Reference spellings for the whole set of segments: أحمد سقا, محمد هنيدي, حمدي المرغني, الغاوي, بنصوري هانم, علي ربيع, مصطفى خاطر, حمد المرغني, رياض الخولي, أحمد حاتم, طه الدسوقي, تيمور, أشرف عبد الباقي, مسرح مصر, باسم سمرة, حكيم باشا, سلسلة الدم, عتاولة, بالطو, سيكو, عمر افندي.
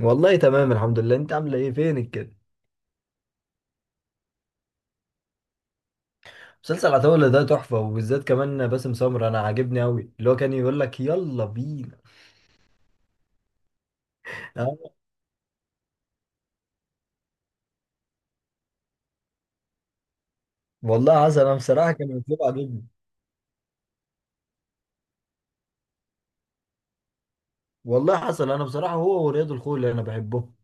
والله تمام الحمد لله، انت عامله ايه؟ فينك كده؟ مسلسل عتاولة ده تحفه، وبالذات كمان باسم سمرة انا عاجبني قوي، اللي هو كان يقول لك يلا بينا. اه، والله حسن انا بصراحه كان مكتوب عاجبني. والله حسن انا بصراحه هو ورياض الخولي انا بحبهم.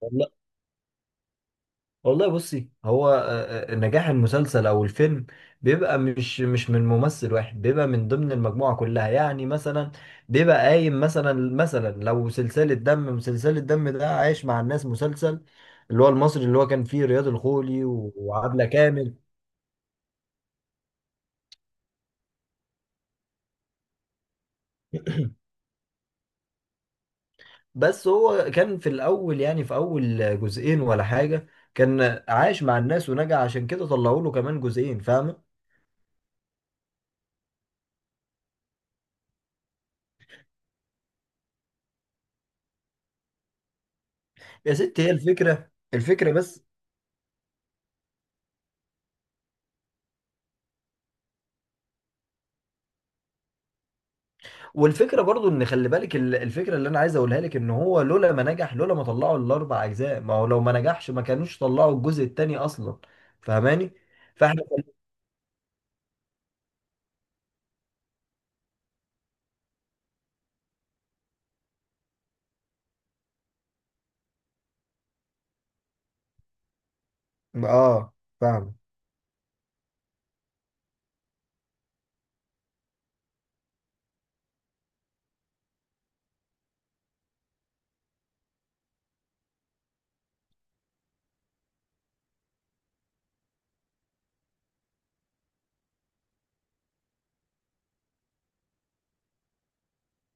والله. والله بصي، هو نجاح المسلسل او الفيلم بيبقى مش من ممثل واحد، بيبقى من ضمن المجموعه كلها، يعني مثلا بيبقى قايم مثلا، لو سلسله دم، مسلسل الدم ده عايش مع الناس، مسلسل اللي هو المصري اللي هو كان فيه رياض الخولي و- وعبلة كامل. بس هو كان في الاول، يعني في اول جزئين ولا حاجه، كان عايش مع الناس ونجح، عشان كده طلعوا له كمان جزئين، فاهمه؟ يا ست، هي الفكره الفكره بس. والفكره برضو، ان خلي بالك الفكره اللي انا عايز اقولها لك، ان هو لولا ما نجح، لولا ما طلعوا الاربع اجزاء، ما هو لو ما نجحش ما كانوش طلعوا الجزء الثاني اصلا. فاهماني؟ فاحنا. اه. فاهم.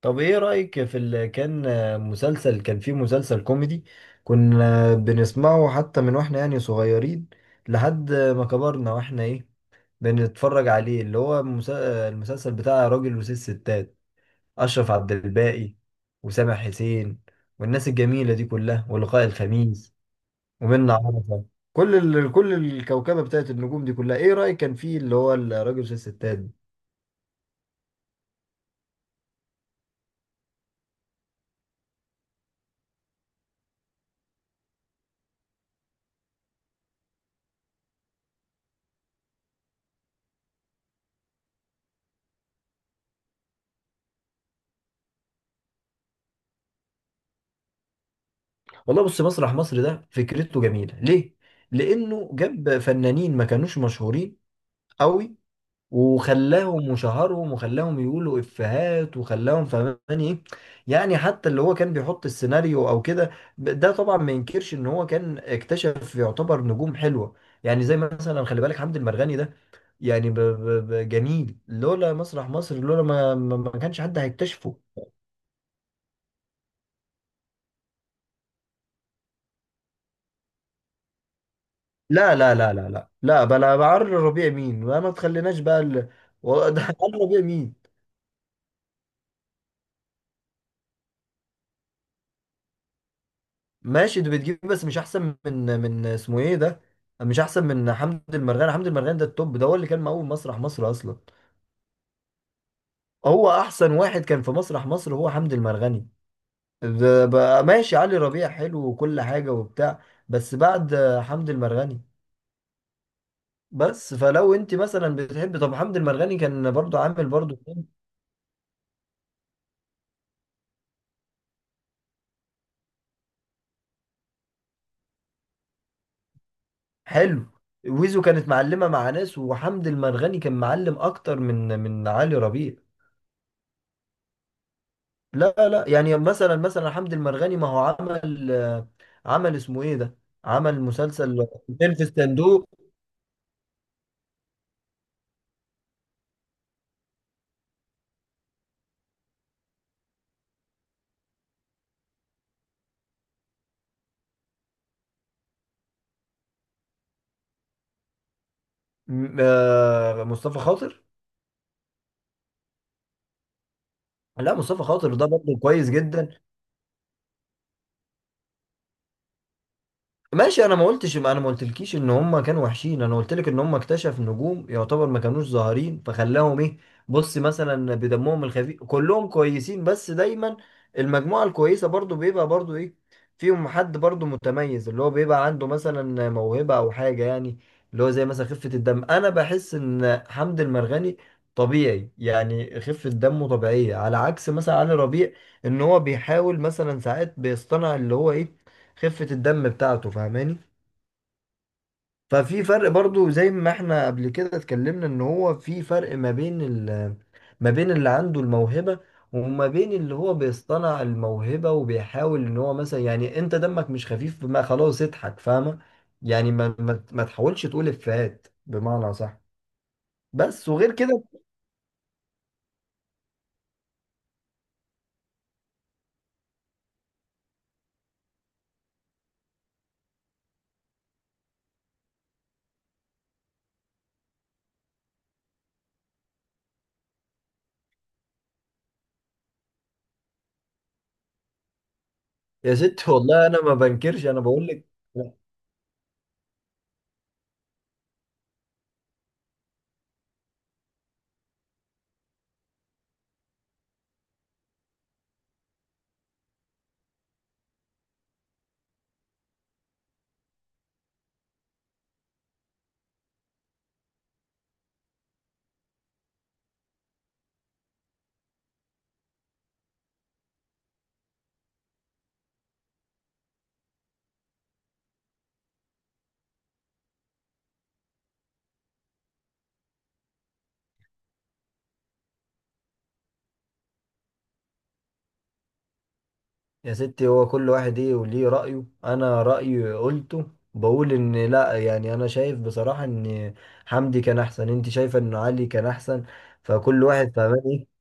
طب ايه رايك في اللي كان، مسلسل كان فيه، مسلسل كوميدي كنا بنسمعه حتى من واحنا يعني صغيرين، لحد ما كبرنا واحنا ايه، بنتفرج عليه، اللي هو المسلسل بتاع راجل وست ستات، أشرف عبد الباقي وسامح حسين والناس الجميلة دي كلها، ولقاء الخميس ومنة عرفة، كل كل الكوكبة بتاعت النجوم دي كلها، إيه رأيك كان فيه اللي هو الراجل وست ستات ده؟ والله بص، مسرح مصر ده فكرته جميلة، ليه؟ لأنه جاب فنانين ما كانوش مشهورين قوي، وخلاهم وشهرهم وخلاهم يقولوا افيهات وخلاهم، فهماني ايه؟ يعني حتى اللي هو كان بيحط السيناريو او كده، ده طبعا ما ينكرش ان هو كان اكتشف يعتبر نجوم حلوة، يعني زي مثلا خلي بالك حمد المرغني ده، يعني ب ب ب جميل، لولا مسرح مصر، لولا ما كانش حد هيكتشفه. لا لا لا لا لا لا، بلا بعر ربيع مين، ما تخليناش بقى ده عمرو ربيع مين. ماشي، دي بتجيب بس مش احسن من اسمه ايه ده، مش احسن من حمدي المرغني ده التوب، ده هو اللي كان مقوم مسرح مصر اصلا. هو احسن واحد كان في مسرح مصر هو حمدي المرغني. ده بقى ماشي، علي ربيع حلو وكل حاجة وبتاع، بس بعد حمدي المرغني. بس فلو انت مثلا بتحب، طب حمدي المرغني كان برضو عامل برضو فيلم حلو. ويزو كانت معلمة مع ناس، وحمدي المرغني كان معلم اكتر من علي ربيع. لا لا، يعني مثلا حمد المرغني ما هو عمل، عمل اسمه ايه ده، عمل مسلسل فيلم في الصندوق. مصطفى خاطر. لا، مصطفى خاطر ده برضه كويس جدا. ماشي، انا ما قلتش، ما انا ما قلتلكيش ان هم كانوا وحشين، انا قلت لك ان هم اكتشف نجوم يعتبر ما كانوش ظاهرين فخلاهم ايه. بص مثلا بدمهم الخفيف كلهم كويسين، بس دايما المجموعة الكويسة برضو بيبقى برضو ايه، فيهم حد برضو متميز، اللي هو بيبقى عنده مثلا موهبة او حاجة يعني، اللي هو زي مثلا خفة الدم، انا بحس ان حمد المرغني طبيعي، يعني خفة دمه طبيعية، على عكس مثلا علي ربيع، ان هو بيحاول مثلا ساعات بيصطنع اللي هو ايه، خفة الدم بتاعته، فاهماني؟ ففي فرق برضو، زي ما احنا قبل كده اتكلمنا ان هو في فرق ما بين ما بين اللي عنده الموهبة، وما بين اللي هو بيصطنع الموهبة وبيحاول ان هو مثلا، يعني انت دمك مش خفيف، ما خلاص اضحك، فاهمة؟ يعني ما تحاولش تقول افيهات بمعنى صح، بس، وغير كده. يا ست، والله انا ما بنكرش، انا بقول لك، يا ستي هو كل واحد ايه وليه رأيه، انا رأيي قلته، بقول ان لا يعني انا شايف بصراحة ان حمدي كان احسن، انت شايفة ان علي كان احسن، فكل واحد فاهمان ايه.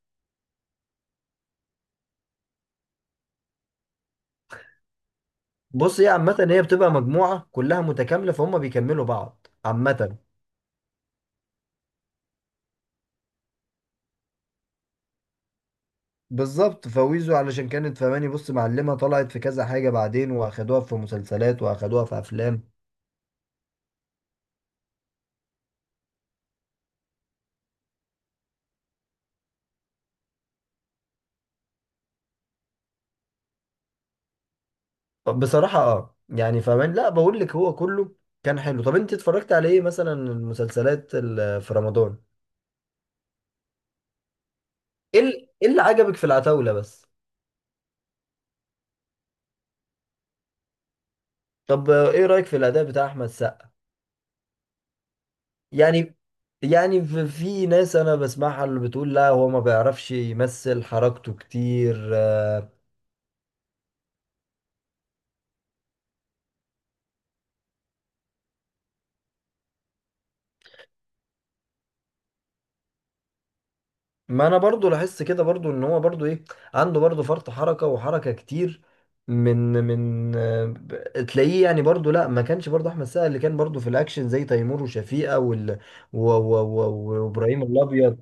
بص ايه عامة، هي بتبقى مجموعة كلها متكاملة، فهم بيكملوا بعض عامة. بالظبط، فويزو علشان كانت، فهماني بص، معلمة طلعت في كذا حاجة، بعدين واخدوها في مسلسلات واخدوها في افلام. بصراحة اه يعني، فهمان؟ لا بقول لك هو كله كان حلو. طب انت اتفرجت على ايه مثلا المسلسلات في رمضان؟ إيه اللي عجبك في العتاولة بس؟ طب، ايه رأيك في الأداء بتاع أحمد سقا؟ يعني يعني في ناس انا بسمعها اللي بتقول لا هو ما بيعرفش يمثل، حركته كتير آه،. ما انا برضو لاحظت كده برضو ان هو برضو ايه، عنده برضو فرط حركة وحركة كتير، تلاقيه يعني برضو، لا ما كانش برضو احمد سقا اللي كان برضو في الاكشن زي تيمور وشفيقة وال و- و- و- وابراهيم الابيض.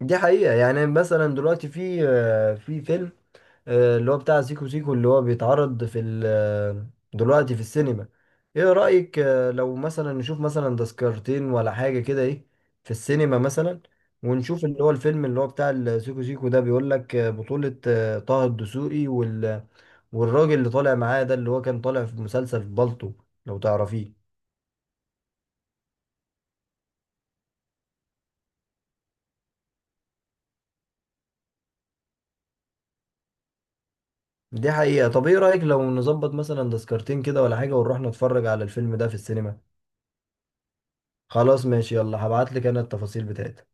دي حقيقة، يعني مثلا دلوقتي في فيلم، اللي هو بتاع سيكو سيكو، اللي هو بيتعرض في ال- آه، دلوقتي في السينما. ايه رأيك، لو مثلا نشوف مثلا تذكرتين ولا حاجة كده، ايه، في السينما مثلا، ونشوف اللي هو الفيلم اللي هو بتاع السيكو سيكو ده، بيقول لك بطولة طه الدسوقي والراجل اللي طالع معاه ده، اللي هو كان طالع في مسلسل في بالطو، لو تعرفيه. دي حقيقة. طب ايه رأيك لو نظبط مثلا تذكرتين كده ولا حاجة ونروح نتفرج على الفيلم ده في السينما؟ خلاص ماشي، يلا هبعت لك انا التفاصيل بتاعتي.